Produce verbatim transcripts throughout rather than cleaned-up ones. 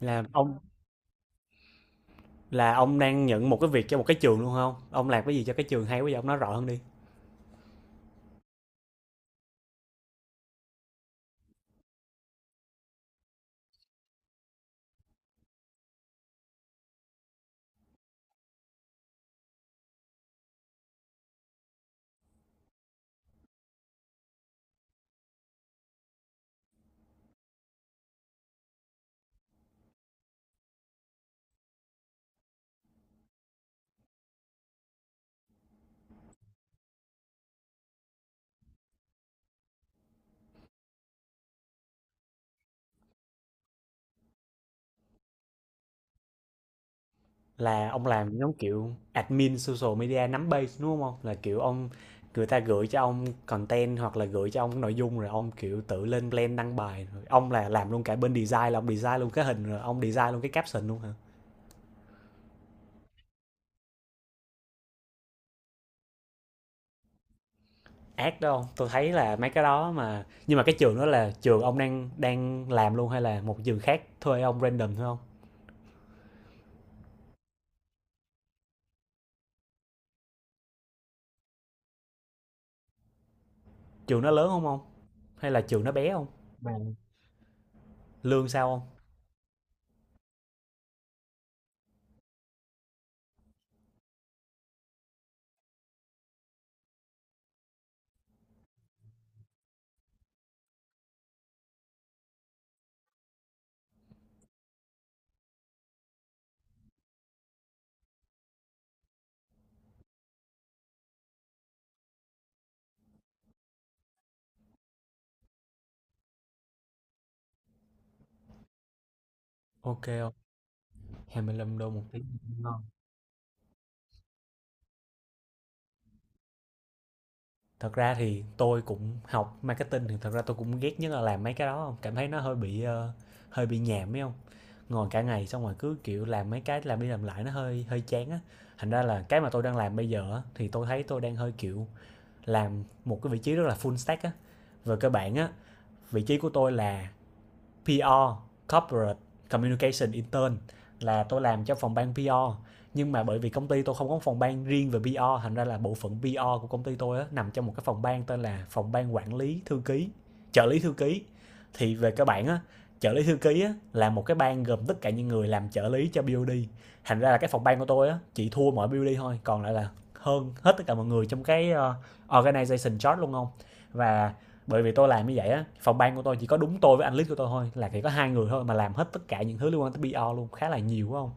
Là ông là ông đang nhận một cái việc cho một cái trường luôn không? Ông làm cái gì cho cái trường hay quá vậy? Ông nói rõ hơn đi. Là ông làm giống kiểu admin social media nắm base đúng không? Là kiểu ông người ta gửi cho ông content hoặc là gửi cho ông cái nội dung rồi ông, kiểu, tự lên plan đăng bài rồi ông là làm luôn cả bên design, là ông design luôn cái hình rồi ông design luôn cái caption luôn hả? Ác đó không? Tôi thấy là mấy cái đó mà, nhưng mà cái trường đó là trường ông đang đang làm luôn hay là một trường khác thuê ông random thôi không? Trường nó lớn không không Hay là trường nó bé không? Lương sao không? Ok, hai mươi lăm đô một tiếng. Thật ra thì tôi cũng học marketing, thì thật ra tôi cũng ghét nhất là làm mấy cái đó không? Cảm thấy nó hơi bị ờ, hơi bị nhàm ấy không? Ngồi cả ngày xong rồi cứ kiểu làm mấy cái, làm đi làm lại nó hơi hơi chán á. Thành ra là cái mà tôi đang làm bây giờ á, thì tôi thấy tôi đang hơi kiểu làm một cái vị trí rất là full stack á. Về cơ bản á, vị trí của tôi là pi a Corporate Communication Intern, là tôi làm cho phòng ban pê rờ, nhưng mà bởi vì công ty tôi không có phòng ban riêng về pi a, thành ra là bộ phận pê rờ của công ty tôi á, nằm trong một cái phòng ban tên là phòng ban quản lý thư ký, trợ lý thư ký. Thì về các bạn á, trợ lý thư ký á, là một cái ban gồm tất cả những người làm trợ lý cho bê ô đê, thành ra là cái phòng ban của tôi á, chỉ thua mỗi bê ô đê thôi, còn lại là hơn hết tất cả mọi người trong cái uh, organization chart luôn không. Và bởi vì tôi làm như vậy á, phòng ban của tôi chỉ có đúng tôi với anh lít của tôi thôi, là chỉ có hai người thôi mà làm hết tất cả những thứ liên quan tới pê rờ luôn, khá là nhiều phải không?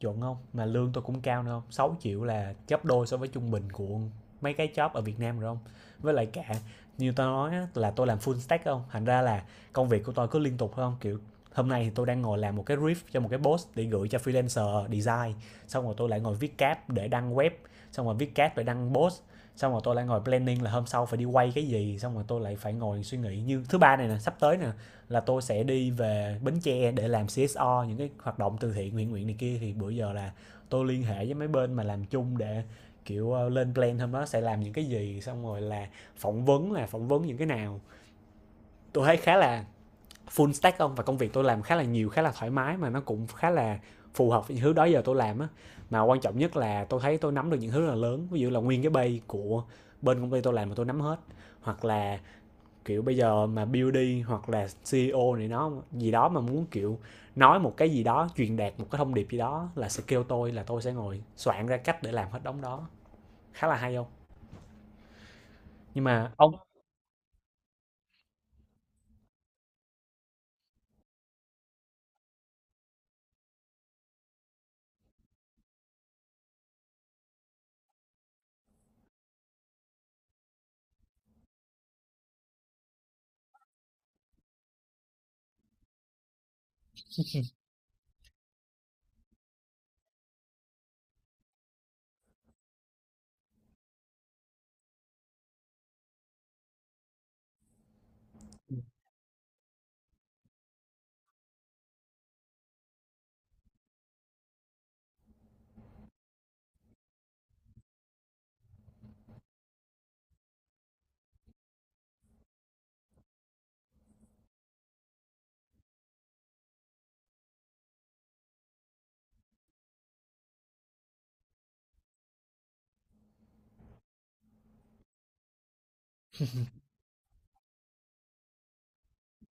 Chuẩn không, mà lương tôi cũng cao nữa không, sáu triệu là gấp đôi so với trung bình của mấy cái job ở Việt Nam rồi không. Với lại cả như tôi nói á, là tôi làm full stack không, thành ra là công việc của tôi cứ liên tục không, kiểu hôm nay thì tôi đang ngồi làm một cái riff cho một cái post để gửi cho freelancer design, xong rồi tôi lại ngồi viết cap để đăng web, xong rồi viết cap để đăng post, xong rồi tôi lại ngồi planning là hôm sau phải đi quay cái gì, xong rồi tôi lại phải ngồi suy nghĩ như thứ ba này nè sắp tới nè, là tôi sẽ đi về Bến Tre để làm xê ét ô những cái hoạt động từ thiện nguyện nguyện này kia. Thì bữa giờ là tôi liên hệ với mấy bên mà làm chung để kiểu ờ, lên plan hôm đó sẽ làm những cái gì, xong rồi là phỏng vấn là phỏng vấn những cái nào. Tôi thấy khá là full stack không, và công việc tôi làm khá là nhiều, khá là thoải mái, mà nó cũng khá là phù hợp với những thứ đó giờ tôi làm á. Mà quan trọng nhất là tôi thấy tôi nắm được những thứ rất là lớn, ví dụ là nguyên cái bay của bên công ty tôi làm mà tôi nắm hết. Hoặc là kiểu bây giờ mà bê đê hoặc là xê e ô này nó gì đó mà muốn kiểu nói một cái gì đó, truyền đạt một cái thông điệp gì đó, là sẽ kêu tôi, là tôi sẽ ngồi soạn ra cách để làm hết đống đó, khá là hay không. Nhưng mà ông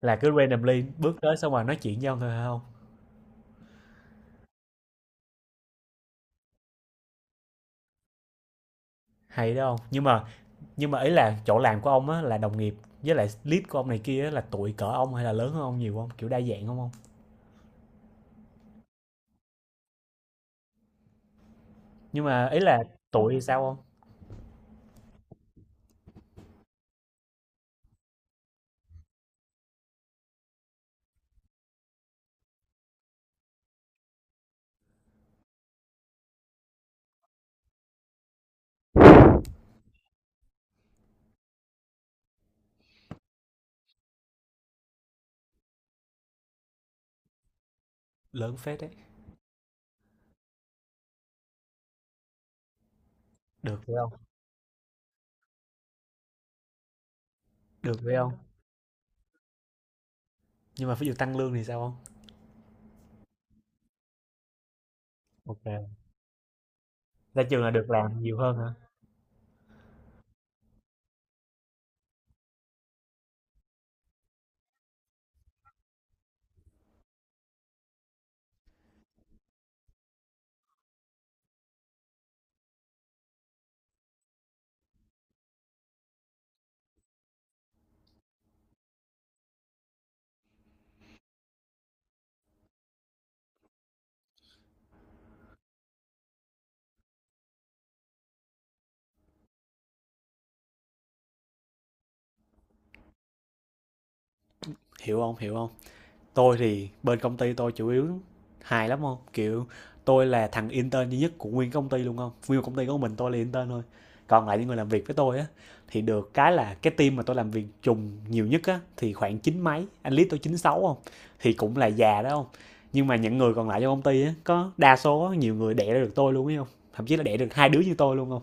Là cứ randomly bước tới xong rồi nói chuyện với ông thôi hay không? Hay đó không, nhưng mà nhưng mà ý là chỗ làm của ông á, là đồng nghiệp với lại lead của ông này kia á, là tuổi cỡ ông hay là lớn hơn ông nhiều không, kiểu đa dạng không không Nhưng mà ý là tuổi thì sao không? Lớn phết đấy. Được phải không? Được phải không? Nhưng mà ví dụ tăng lương thì sao không? Ok. Ra trường là được làm nhiều hơn hả? Hiểu không, hiểu không. Tôi thì bên công ty tôi chủ yếu hài lắm không, kiểu tôi là thằng intern duy nhất của nguyên công ty luôn không, nguyên công ty của mình tôi là intern thôi. Còn lại những người làm việc với tôi á, thì được cái là cái team mà tôi làm việc trùng nhiều nhất á, thì khoảng chín mấy, anh lý tôi chín sáu không, thì cũng là già đó không. Nhưng mà những người còn lại trong công ty á, có đa số nhiều người đẻ ra được tôi luôn ấy không, thậm chí là đẻ được hai đứa như tôi luôn không.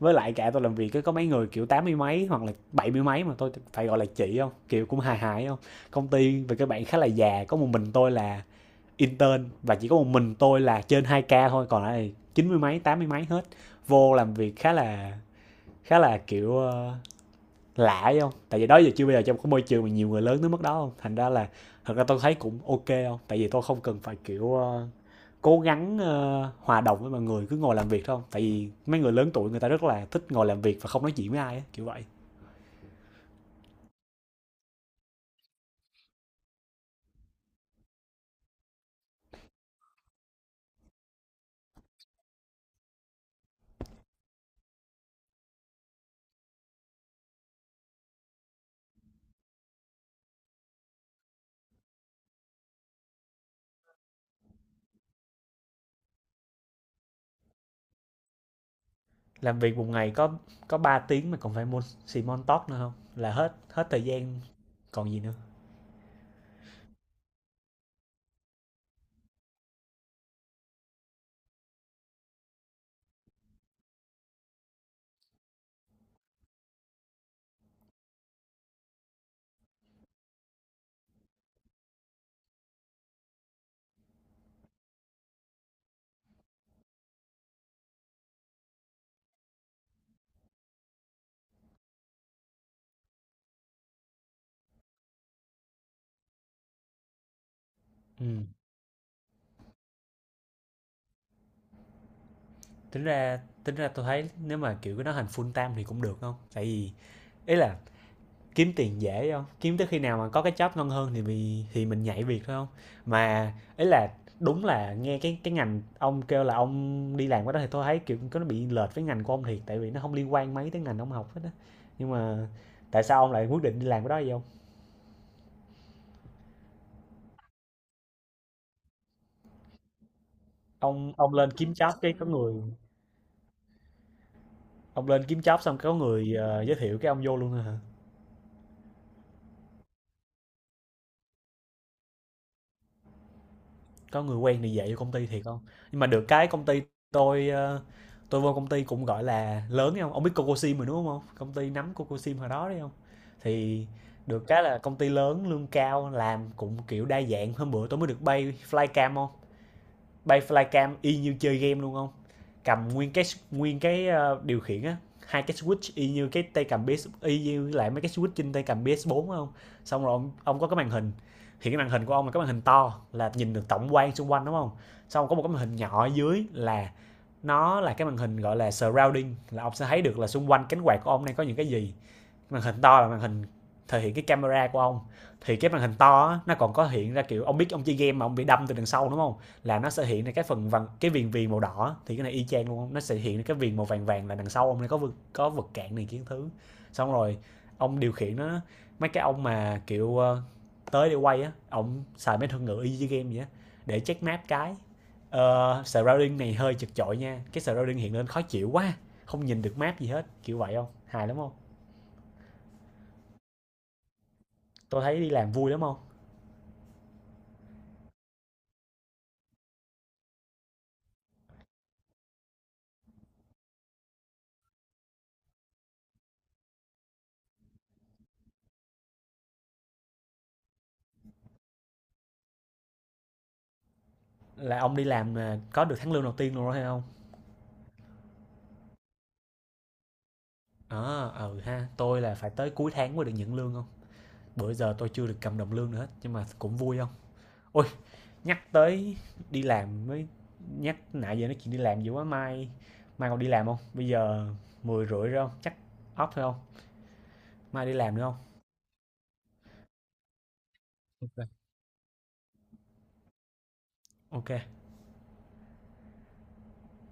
Với lại cả tôi làm việc á, có mấy người kiểu tám mươi mấy hoặc là bảy mươi mấy mà tôi phải gọi là chị không, kiểu cũng hài hài không. Công ty về các bạn khá là già, có một mình tôi là intern và chỉ có một mình tôi là trên hai k thôi, còn lại chín mươi mấy, tám mươi mấy hết. Vô làm việc khá là khá là kiểu ờ, lạ ấy không, tại vì đó giờ chưa, bây giờ trong cái môi trường mà nhiều người lớn tới mức đó không. Thành ra là thật ra tôi thấy cũng ok không, tại vì tôi không cần phải kiểu ờ, cố gắng ờ, hòa đồng với mọi người, cứ ngồi làm việc thôi không, tại vì mấy người lớn tuổi người ta rất là thích ngồi làm việc và không nói chuyện với ai á kiểu vậy. Làm việc một ngày có có ba tiếng mà còn phải môn xì mon tóc nữa không, là hết hết thời gian còn gì nữa. Ừ. tính ra tính ra tôi thấy nếu mà kiểu cái đó thành full time thì cũng được không, tại vì ý là kiếm tiền dễ không, kiếm tới khi nào mà có cái job ngon hơn thì mình, thì mình nhảy việc thôi không. Mà ý là đúng là nghe cái cái ngành ông kêu là ông đi làm cái đó thì tôi thấy kiểu có nó bị lệch với ngành của ông thiệt, tại vì nó không liên quan mấy tới ngành ông học hết á. Nhưng mà tại sao ông lại quyết định đi làm cái đó vậy không? ông ông lên kiếm job cái có người Ông lên kiếm job xong có người ờ, giới thiệu cái ông vô luôn thôi hả? Có người quen thì dạy vô công ty thiệt không? Nhưng mà được cái công ty, tôi ờ, tôi vô công ty cũng gọi là lớn đấy không? Ông biết Cocosim rồi đúng không? Công ty nắm Cocosim hồi đó đấy không? Thì được cái là công ty lớn, lương cao, làm cũng kiểu đa dạng, hôm bữa tôi mới được bay flycam không? Bay flycam y như chơi game luôn không, cầm nguyên cái nguyên cái ờ, điều khiển á, hai cái switch y như cái tay cầm pê ét, y như lại mấy cái switch trên tay cầm pi ét four phải không? Xong rồi ông, ông có cái màn hình. Thì cái màn hình của ông là cái màn hình to, là nhìn được tổng quan xung quanh đúng không? Xong có một cái màn hình nhỏ ở dưới, là nó là cái màn hình gọi là surrounding, là ông sẽ thấy được là xung quanh cánh quạt của ông đang có những cái gì. Màn hình to là màn hình thể hiện cái camera của ông. Thì cái màn hình to á, nó còn có hiện ra, kiểu ông biết ông chơi game mà ông bị đâm từ đằng sau đúng không, là nó sẽ hiện ra cái phần vàng, cái viền viền màu đỏ. Thì cái này y chang luôn, nó sẽ hiện ra cái viền màu vàng vàng là đằng sau ông này có vực, có vật cản này kiến thứ. Xong rồi ông điều khiển nó, mấy cái ông mà kiểu ờ, tới để quay á, ông xài mấy thuật ngữ y như game vậy á, để check map cái uh, surrounding này hơi chật chội nha, cái surrounding hiện lên khó chịu quá, không nhìn được map gì hết kiểu vậy không, hài lắm không. Tôi thấy đi làm vui lắm không. Là ông đi làm mà có được tháng lương đầu tiên luôn rồi hay không? Ờ à, ừ ha, tôi là phải tới cuối tháng mới được nhận lương không, bữa giờ tôi chưa được cầm đồng lương nữa hết nhưng mà cũng vui không. Ôi, nhắc tới đi làm mới nhắc, nãy giờ nói chuyện đi làm dữ quá, mai mai còn đi làm không, bây giờ mười rưỡi rồi không, chắc off thôi không, mai đi làm nữa không. Ok. Ok.